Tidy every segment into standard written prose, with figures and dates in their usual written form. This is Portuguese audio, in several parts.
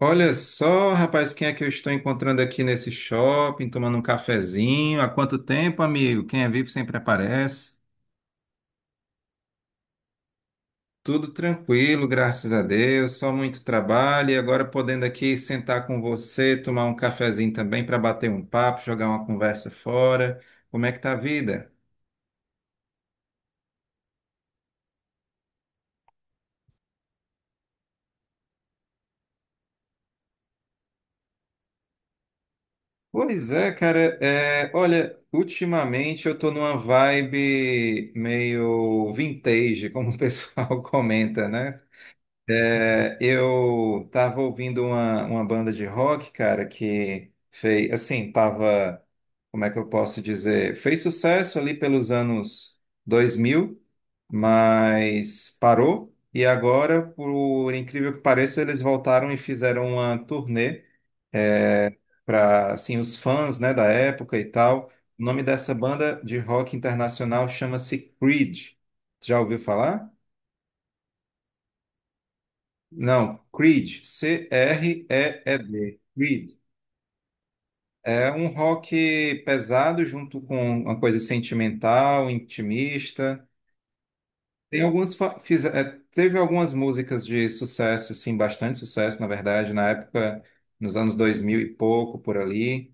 Olha só, rapaz, quem é que eu estou encontrando aqui nesse shopping, tomando um cafezinho? Há quanto tempo, amigo? Quem é vivo sempre aparece. Tudo tranquilo, graças a Deus, só muito trabalho e agora podendo aqui sentar com você, tomar um cafezinho também para bater um papo, jogar uma conversa fora. Como é que tá a vida? Pois é, cara. Olha, ultimamente eu tô numa vibe meio vintage, como o pessoal comenta, né? Eu tava ouvindo uma banda de rock, cara, que fez, assim, tava, como é que eu posso dizer, fez sucesso ali pelos anos 2000, mas parou, e agora, por incrível que pareça, eles voltaram e fizeram uma turnê para, assim, os fãs, né, da época e tal. O nome dessa banda de rock internacional chama-se Creed. Já ouviu falar? Não, Creed, C-R-E-E-D, Creed. É um rock pesado junto com uma coisa sentimental, intimista. Tem algumas fa- fiz- é, Teve algumas músicas de sucesso, assim, bastante sucesso, na verdade, na época, nos anos 2000 e pouco, por ali,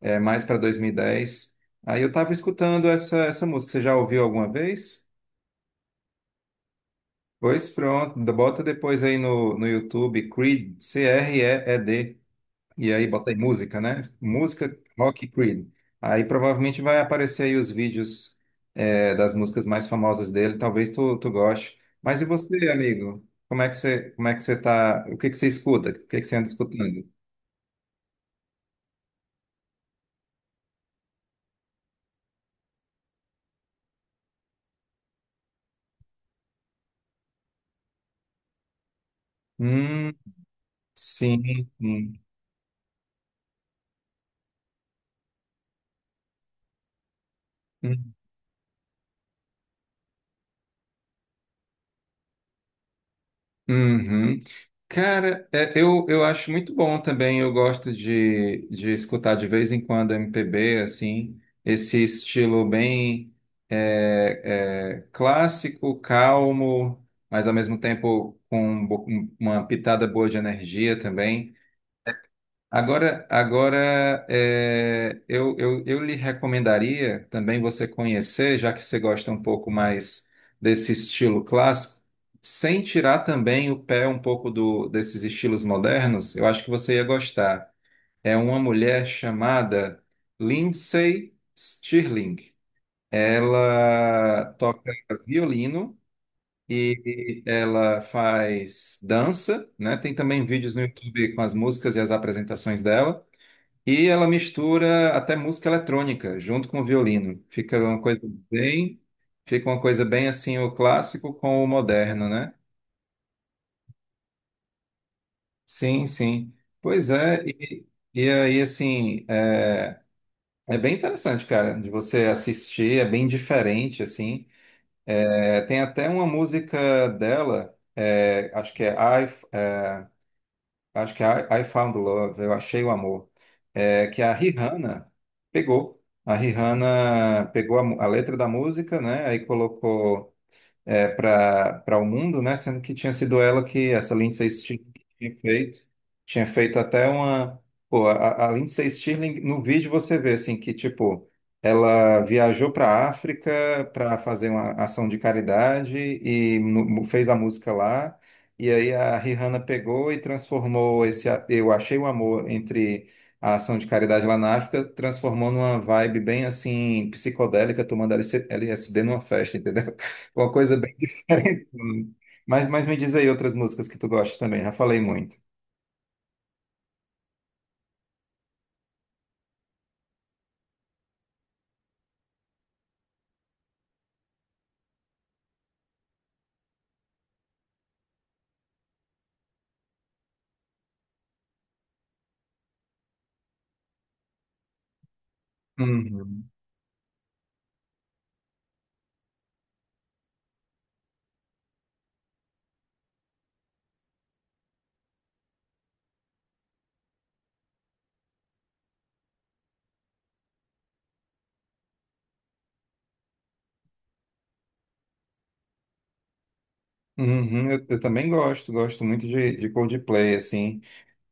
mais para 2010. Aí eu estava escutando essa música. Você já ouviu alguma vez? Pois pronto, bota depois aí no YouTube, Creed, C-R-E-E-D. E aí botei música, né? Música Rock Creed. Aí provavelmente vai aparecer aí os vídeos das músicas mais famosas dele. Talvez tu goste. Mas e você, amigo? Como é que você, como é que você tá? O que que você escuta? O que que você anda escutando? Hum, sim. Hum. Uhum. Cara, é, eu acho muito bom também. Eu gosto de escutar de vez em quando MPB, assim, esse estilo bem clássico, calmo, mas ao mesmo tempo com um uma pitada boa de energia também. Agora eu lhe recomendaria também você conhecer, já que você gosta um pouco mais desse estilo clássico, sem tirar também o pé um pouco desses estilos modernos, eu acho que você ia gostar. É uma mulher chamada Lindsay Stirling. Ela toca violino e ela faz dança, né? Tem também vídeos no YouTube com as músicas e as apresentações dela. E ela mistura até música eletrônica junto com o violino. Bem, Fica uma coisa bem assim o clássico com o moderno, né? Sim, sim. Pois é, e, e aí assim, é, é bem interessante, cara, de você assistir, é bem diferente assim. É, tem até uma música dela, acho que é I, I Found Love, Eu Achei o Amor, que a Rihanna pegou. A Rihanna pegou a letra da música, né? Aí colocou para o mundo, né? Sendo que tinha sido ela que essa Lindsay Stirling tinha feito, tinha feito até uma, pô, a Lindsay Stirling no vídeo você vê assim que tipo ela viajou para a África para fazer uma ação de caridade e fez a música lá. E aí a Rihanna pegou e transformou esse Eu Achei o Amor entre a ação de caridade lá na África, transformou numa vibe bem assim psicodélica, tomando LSD numa festa, entendeu? Uma coisa bem diferente. Mas me diz aí outras músicas que tu gosta também, já falei muito. Uhum. Uhum, eu também gosto, gosto muito de Coldplay, assim.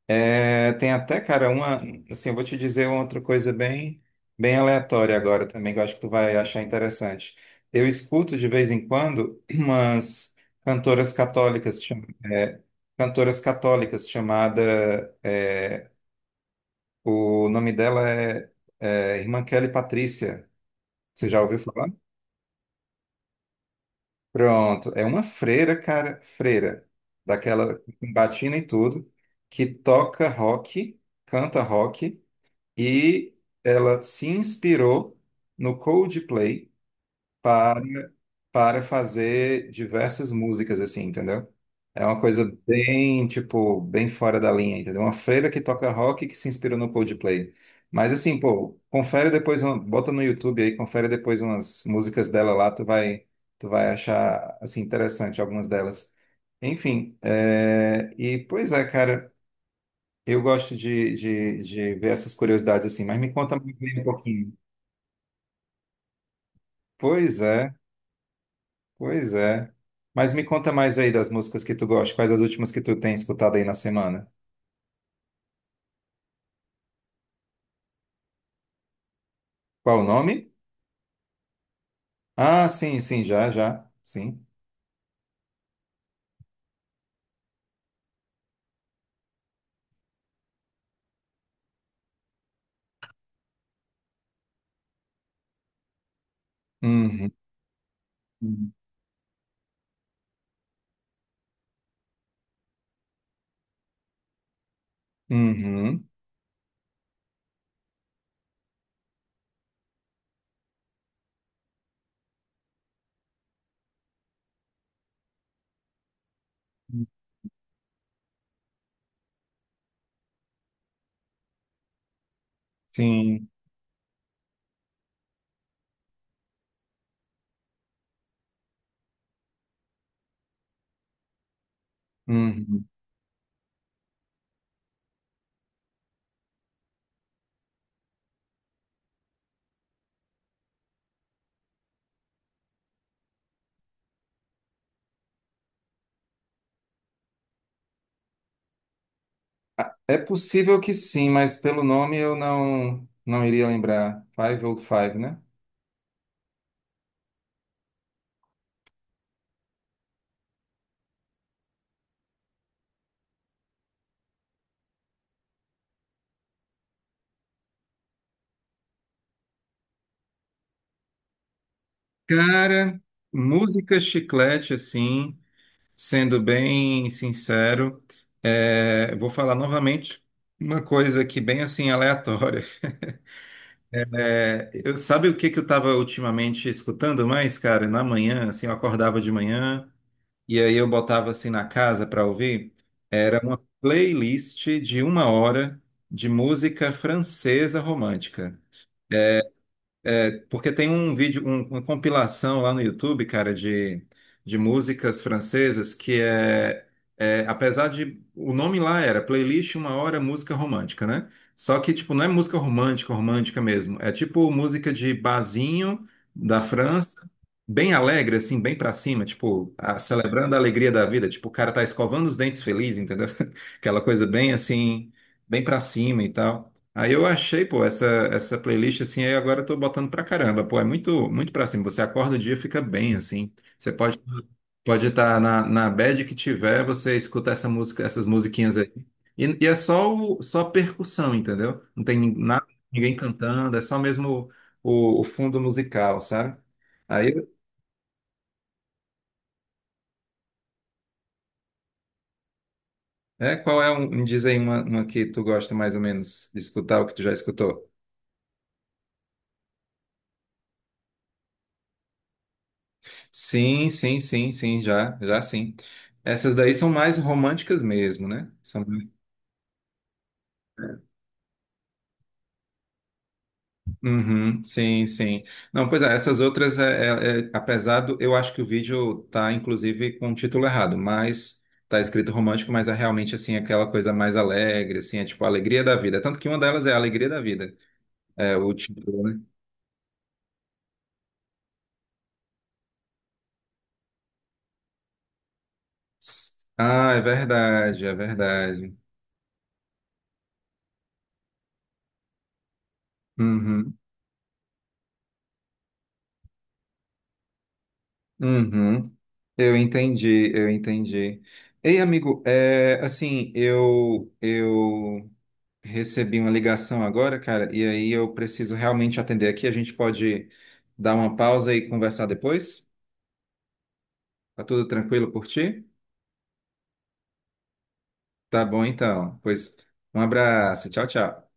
É, tem até, cara, uma, assim, Eu vou te dizer uma outra coisa bem, bem aleatória agora também, que eu acho que tu vai achar interessante. Eu escuto de vez em quando umas cantoras católicas, cantoras católicas chamada, é, o nome dela é, é Irmã Kelly Patrícia. Você já ouviu falar? Pronto. É uma freira, cara, freira, daquela com batina e tudo, que toca rock, canta rock, e ela se inspirou no Coldplay. para, Para fazer diversas músicas, assim, entendeu? É uma coisa bem, tipo, bem fora da linha, entendeu? Uma freira que toca rock que se inspirou no Coldplay. Mas assim, pô, confere depois, bota no YouTube aí, confere depois umas músicas dela lá, tu vai achar, assim, interessante algumas delas. Enfim, e pois é, cara, eu gosto de ver essas curiosidades assim, mas me conta mais bem um pouquinho. Pois é. Pois é. Mas me conta mais aí das músicas que tu gosta. Quais as últimas que tu tem escutado aí na semana? Qual o nome? Ah, sim, sim, já, já. Sim. Uhum. Uhum. Sim. Uhum. É possível que sim, mas pelo nome eu não iria lembrar. Five Old Five, né? Cara, música chiclete, assim, sendo bem sincero, vou falar novamente uma coisa aqui bem assim aleatória. Sabe o que que eu estava ultimamente escutando mais, cara? Na manhã, assim, eu acordava de manhã e aí eu botava assim na casa para ouvir. Era uma playlist de uma hora de música francesa romântica. É, porque tem um vídeo, uma compilação lá no YouTube, cara, de músicas francesas que é, é, apesar de, o nome lá era Playlist Uma Hora Música Romântica, né? Só que, tipo, não é música romântica, romântica mesmo. É tipo música de barzinho da França, bem alegre, assim, bem pra cima, tipo, celebrando a alegria da vida. Tipo, o cara tá escovando os dentes feliz, entendeu? Aquela coisa bem, assim, bem pra cima e tal. Aí eu achei, pô, essa playlist assim, aí agora eu tô botando pra caramba, pô, é muito muito pra cima. Você acorda o dia, fica bem assim. Você pode pode estar na bad que tiver, você escuta essa música, essas musiquinhas aí. E é só só percussão, entendeu? Não tem nada, ninguém cantando, é só mesmo o fundo musical, sabe? Aí, é, qual é um, me diz aí uma que tu gosta mais ou menos de escutar, o que tu já escutou? Sim, sim, sim, sim, já, já sim. Essas daí são mais românticas mesmo, né? São... Uhum, sim, sim. Não, pois é, essas outras, apesar do, eu acho que o vídeo tá, inclusive, com o título errado, mas tá escrito romântico, mas é realmente, assim, aquela coisa mais alegre, assim, é tipo a alegria da vida. Tanto que uma delas é a alegria da vida, é o título, né? Ah, é verdade, é verdade. Uhum, uhum. Eu entendi, eu entendi. Ei, amigo, é, assim, eu recebi uma ligação agora, cara, e aí eu preciso realmente atender aqui. A gente pode dar uma pausa e conversar depois? Tá tudo tranquilo por ti? Tá bom, então. Pois um abraço, tchau, tchau.